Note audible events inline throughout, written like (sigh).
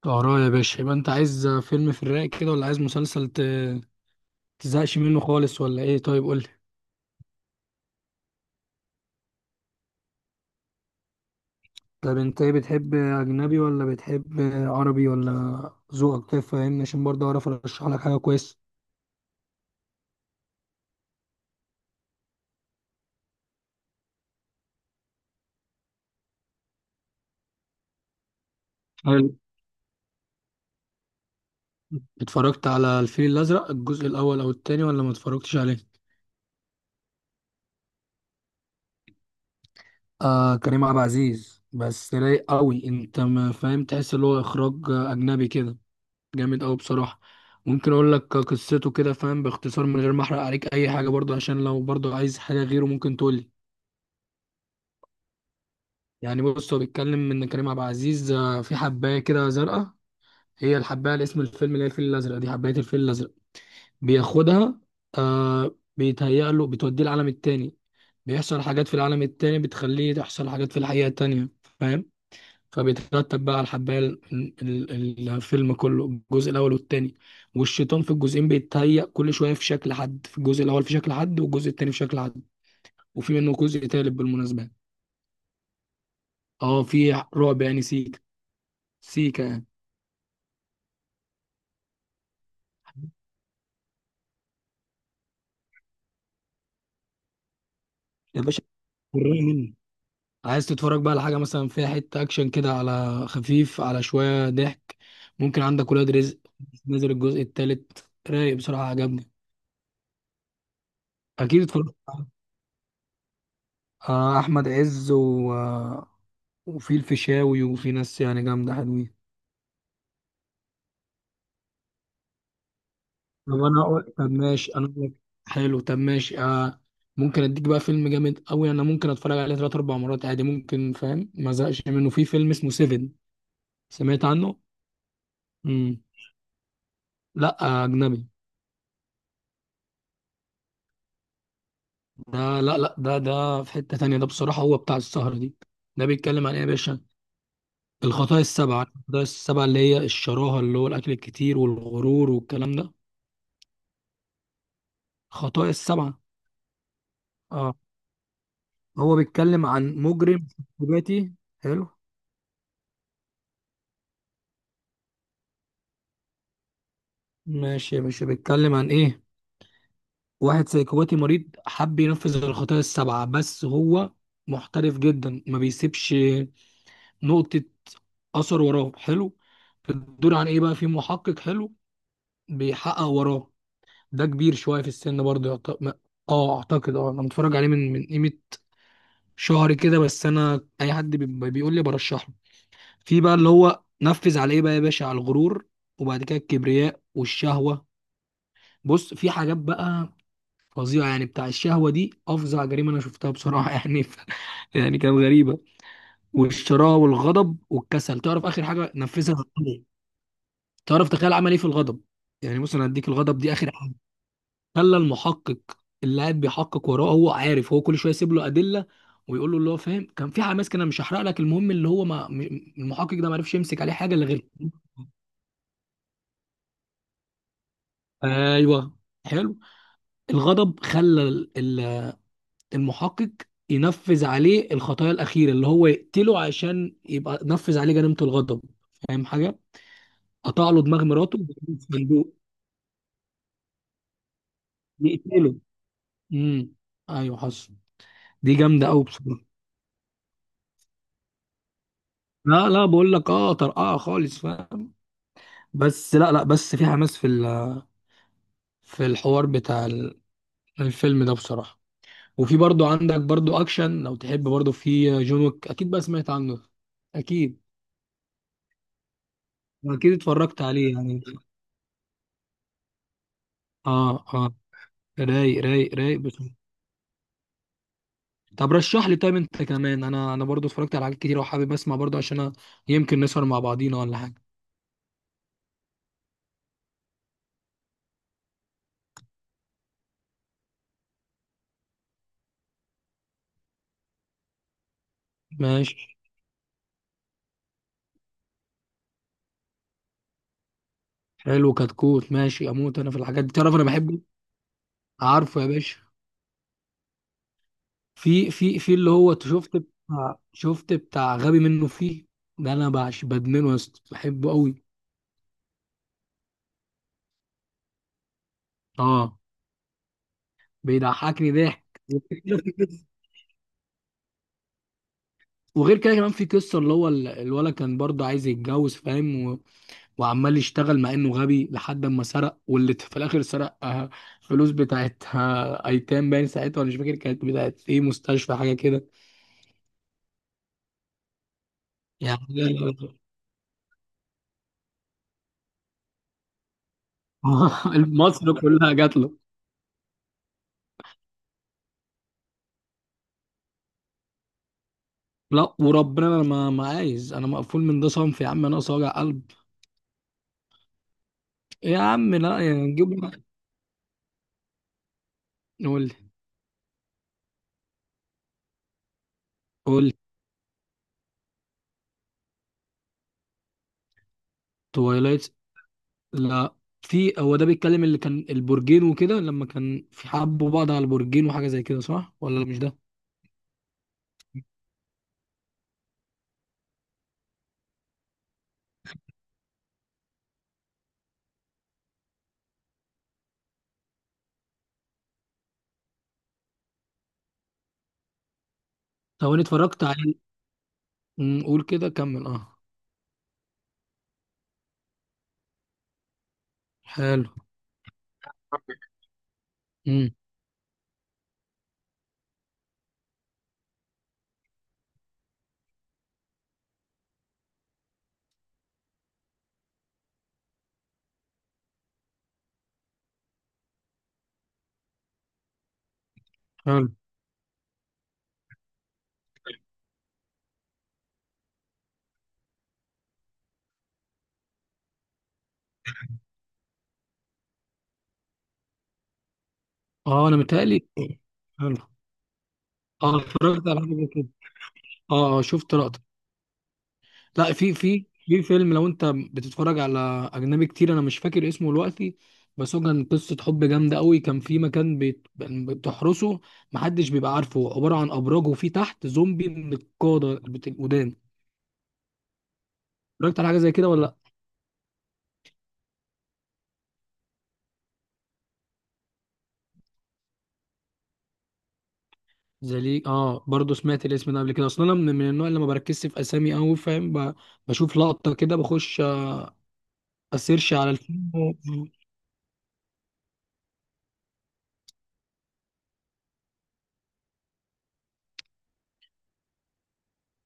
اه يا باشا، يبقى انت عايز فيلم في الرايق كده ولا عايز مسلسل تزهقش منه خالص ولا ايه؟ طيب قولي. طب انت ايه، بتحب اجنبي ولا بتحب عربي؟ ولا ذوقك كيف؟ فاهمني، عشان برضه اعرف ارشح لك حاجه كويسه. حلو. اتفرجت على الفيل الازرق، الجزء الاول او التاني، ولا ما اتفرجتش عليه؟ آه كريم عبد العزيز. بس رايق قوي، انت ما فاهم، تحس اللي هو اخراج اجنبي كده. جامد قوي بصراحة. ممكن اقول لك قصته كده فاهم، باختصار من غير ما احرق عليك اي حاجة، برضه عشان لو برضه عايز حاجة غيره ممكن تقول لي. يعني بص، هو بيتكلم ان كريم عبد العزيز في حباية كده زرقاء، هي الحباية اللي اسم الفيلم، اللي هي الفيل الازرق، دي حباية الفيل الازرق. بياخدها، آه، بيتهيأ له بتوديه العالم التاني. بيحصل حاجات في العالم التاني بتخليه تحصل حاجات في الحقيقة التانية، فاهم؟ فبيترتب بقى على الحباية الفيلم كله، الجزء الأول والتاني. والشيطان في الجزئين بيتهيأ كل شوية في شكل حد، في الجزء الأول في شكل حد، والجزء التاني في شكل حد. وفي منه جزء تالت بالمناسبة. اه في رعب يعني، سيكا. سيكا يعني. يا باشا وريني مني، عايز تتفرج بقى على حاجة مثلا فيها حتة أكشن كده، على خفيف، على شوية ضحك؟ ممكن عندك ولاد رزق، نزل الجزء التالت، رايق بصراحة، عجبني. أكيد، أحمد عز وفي الفيشاوي وفي ناس يعني جامدة حلوين. طب انا اقول، طب ماشي انا اقول لك. حلو طب ماشي آه. ممكن اديك بقى فيلم جامد قوي، انا ممكن اتفرج عليه ثلاث اربع مرات عادي ممكن فاهم، ما زهقش منه. في فيلم اسمه سيفن، سمعت عنه؟ امم لا، اجنبي. ده لا لا، ده ده في حتة تانية، ده بصراحة هو بتاع السهرة دي. ده بيتكلم عن ايه يا باشا؟ الخطايا السبعة، الخطايا السبعة، اللي هي الشراهة اللي هو الاكل الكتير والغرور والكلام ده. خطايا السبعة. اه. هو بيتكلم عن مجرم سيكوباتي. حلو ماشي يا باشا، بيتكلم عن ايه؟ واحد سيكوباتي مريض، حب ينفذ الخطايا السبعة، بس هو محترف جدا ما بيسيبش نقطة أثر وراه. حلو. بتدور عن ايه بقى؟ في محقق حلو بيحقق وراه. ده كبير شوية في السن برضه، اه اعتقد، اه انا متفرج عليه من قيمة شهر كده، بس انا اي حد بيقول لي برشحه. في بقى اللي هو نفذ على ايه بقى يا باشا؟ على الغرور، وبعد كده الكبرياء والشهوة. بص في حاجات بقى فظيعة، يعني بتاع الشهوة دي أفظع جريمة أنا شفتها بصراحة (laughs) يعني يعني كانت غريبة. والشراهة والغضب والكسل. تعرف آخر حاجة نفذها غرور إيه؟ تعرف تخيل عمل إيه في الغضب؟ يعني بص، أنا هديك الغضب دي آخر حاجة. خلى المحقق اللي قاعد بيحقق وراه، هو عارف هو، كل شوية يسيب له أدلة ويقول له اللي هو فاهم، كان في حماس كده، مش هحرق لك. المهم اللي هو ما م- المحقق ده ما عرفش يمسك عليه حاجة إلا غير. ايوه. حلو. الغضب خلى ال- المحقق ينفذ عليه الخطايا الاخيره، اللي هو يقتله، عشان يبقى نفذ عليه جريمه الغضب، فاهم حاجه؟ قطع له دماغ مراته وجابه في صندوق. يقتله. امم، ايوه حصل. دي جامده قوي بصراحه. لا لا، بقول لك اه طرقعه خالص فاهم. بس لا لا، بس في حماس في في الحوار بتاع الفيلم ده بصراحه. وفي برضو عندك برضو اكشن لو تحب، برضو في جون ويك، اكيد بقى سمعت عنه. اكيد. اكيد اتفرجت عليه يعني. اه اه، رايق رايق رايق بس. طب رشح لي طيب انت كمان، انا انا برضو اتفرجت على حاجات كتير وحابب اسمع برضو عشان أنا يمكن نسهر مع بعضينا ولا حاجه. ماشي. حلو كتكوت ماشي، اموت انا في الحاجات دي تعرف، انا بحبه. عارفه يا باشا، في في في اللي هو شفت بتاع، شفت بتاع غبي منه فيه، ده انا بعش بدمنه يا اسطى، بحبه قوي. اه. بيضحكني ضحك. وغير كده كمان في قصه، اللي هو الولد كان برضه عايز يتجوز فاهم، وعمال يشتغل مع انه غبي لحد ما سرق، واللي في الاخر سرق فلوس بتاعت ايتام باين ساعتها، ولا مش فاكر كانت بتاعت ايه، مستشفى حاجه كده. يعني (laughs) مصر كلها جات له. لا وربنا انا ما عايز، انا مقفول من ده صنف يا عم، انا اقصى وجع قلب. يا عم لا، يعني قول لي. قول لي. توايلايت. لا. في هو ده بيتكلم، اللي كان البرجين وكده، لما كان في حبوا بعض على البرجين وحاجه زي كده، صح ولا مش ده؟ طب انا اتفرجت عليه. قول كده كمل اه. حلو. امم. حلو. اه انا متهيألي. حلو. اه اتفرجت على حاجه زي كده. اه اه شفت لقطه. لا، في في في فيلم، لو انت بتتفرج على اجنبي كتير، انا مش فاكر اسمه دلوقتي، بس هو كان قصه حب جامده قوي. كان في مكان بتحرسه، محدش بيبقى عارفه، عباره عن ابراج وفي تحت زومبي من القاده القدام. اتفرجت على حاجه زي كده ولا لا؟ زي ليه. اه برضه سمعت الاسم ده قبل كده، اصلا انا من النوع اللي ما بركزش في اسامي قوي فاهم، بشوف لقطه كده بخش اسيرش على الفيلم.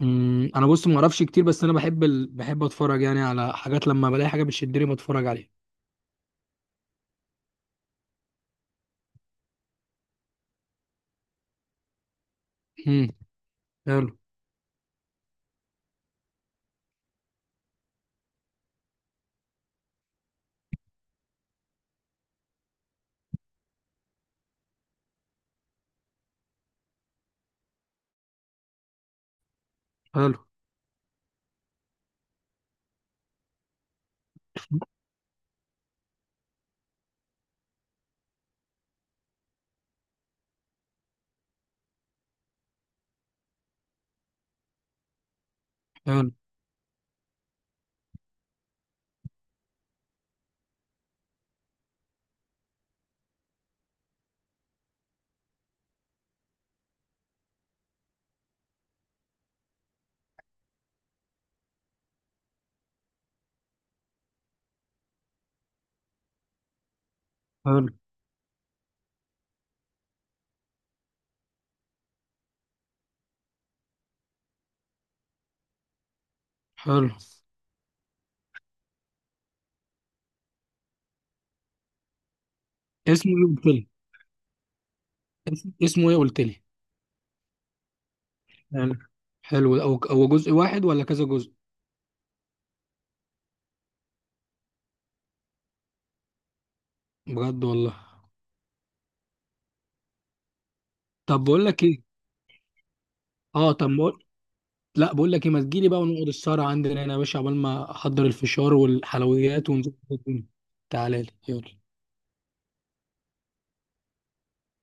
انا بص ما اعرفش كتير، بس انا بحب بحب اتفرج يعني على حاجات لما بلاقي حاجه بتشدني بتفرج عليها. امم. حلو. حلو. حلو. حلو. حلو. اسمه ايه قلت لي؟ اسمه ايه قلت لي؟ حلو. حلو، هو هو جزء واحد ولا كذا جزء؟ بجد والله. طب بقول لك ايه، اه طب لا بقول لك ايه، ما تجيلي بقى ونقعد السهره عندنا هنا يا باشا، عقبال ما احضر الفشار والحلويات ونظبط الدنيا. تعالى لي يلا.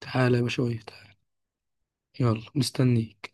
تعالى يا باشا تعالى. يلا مستنيك.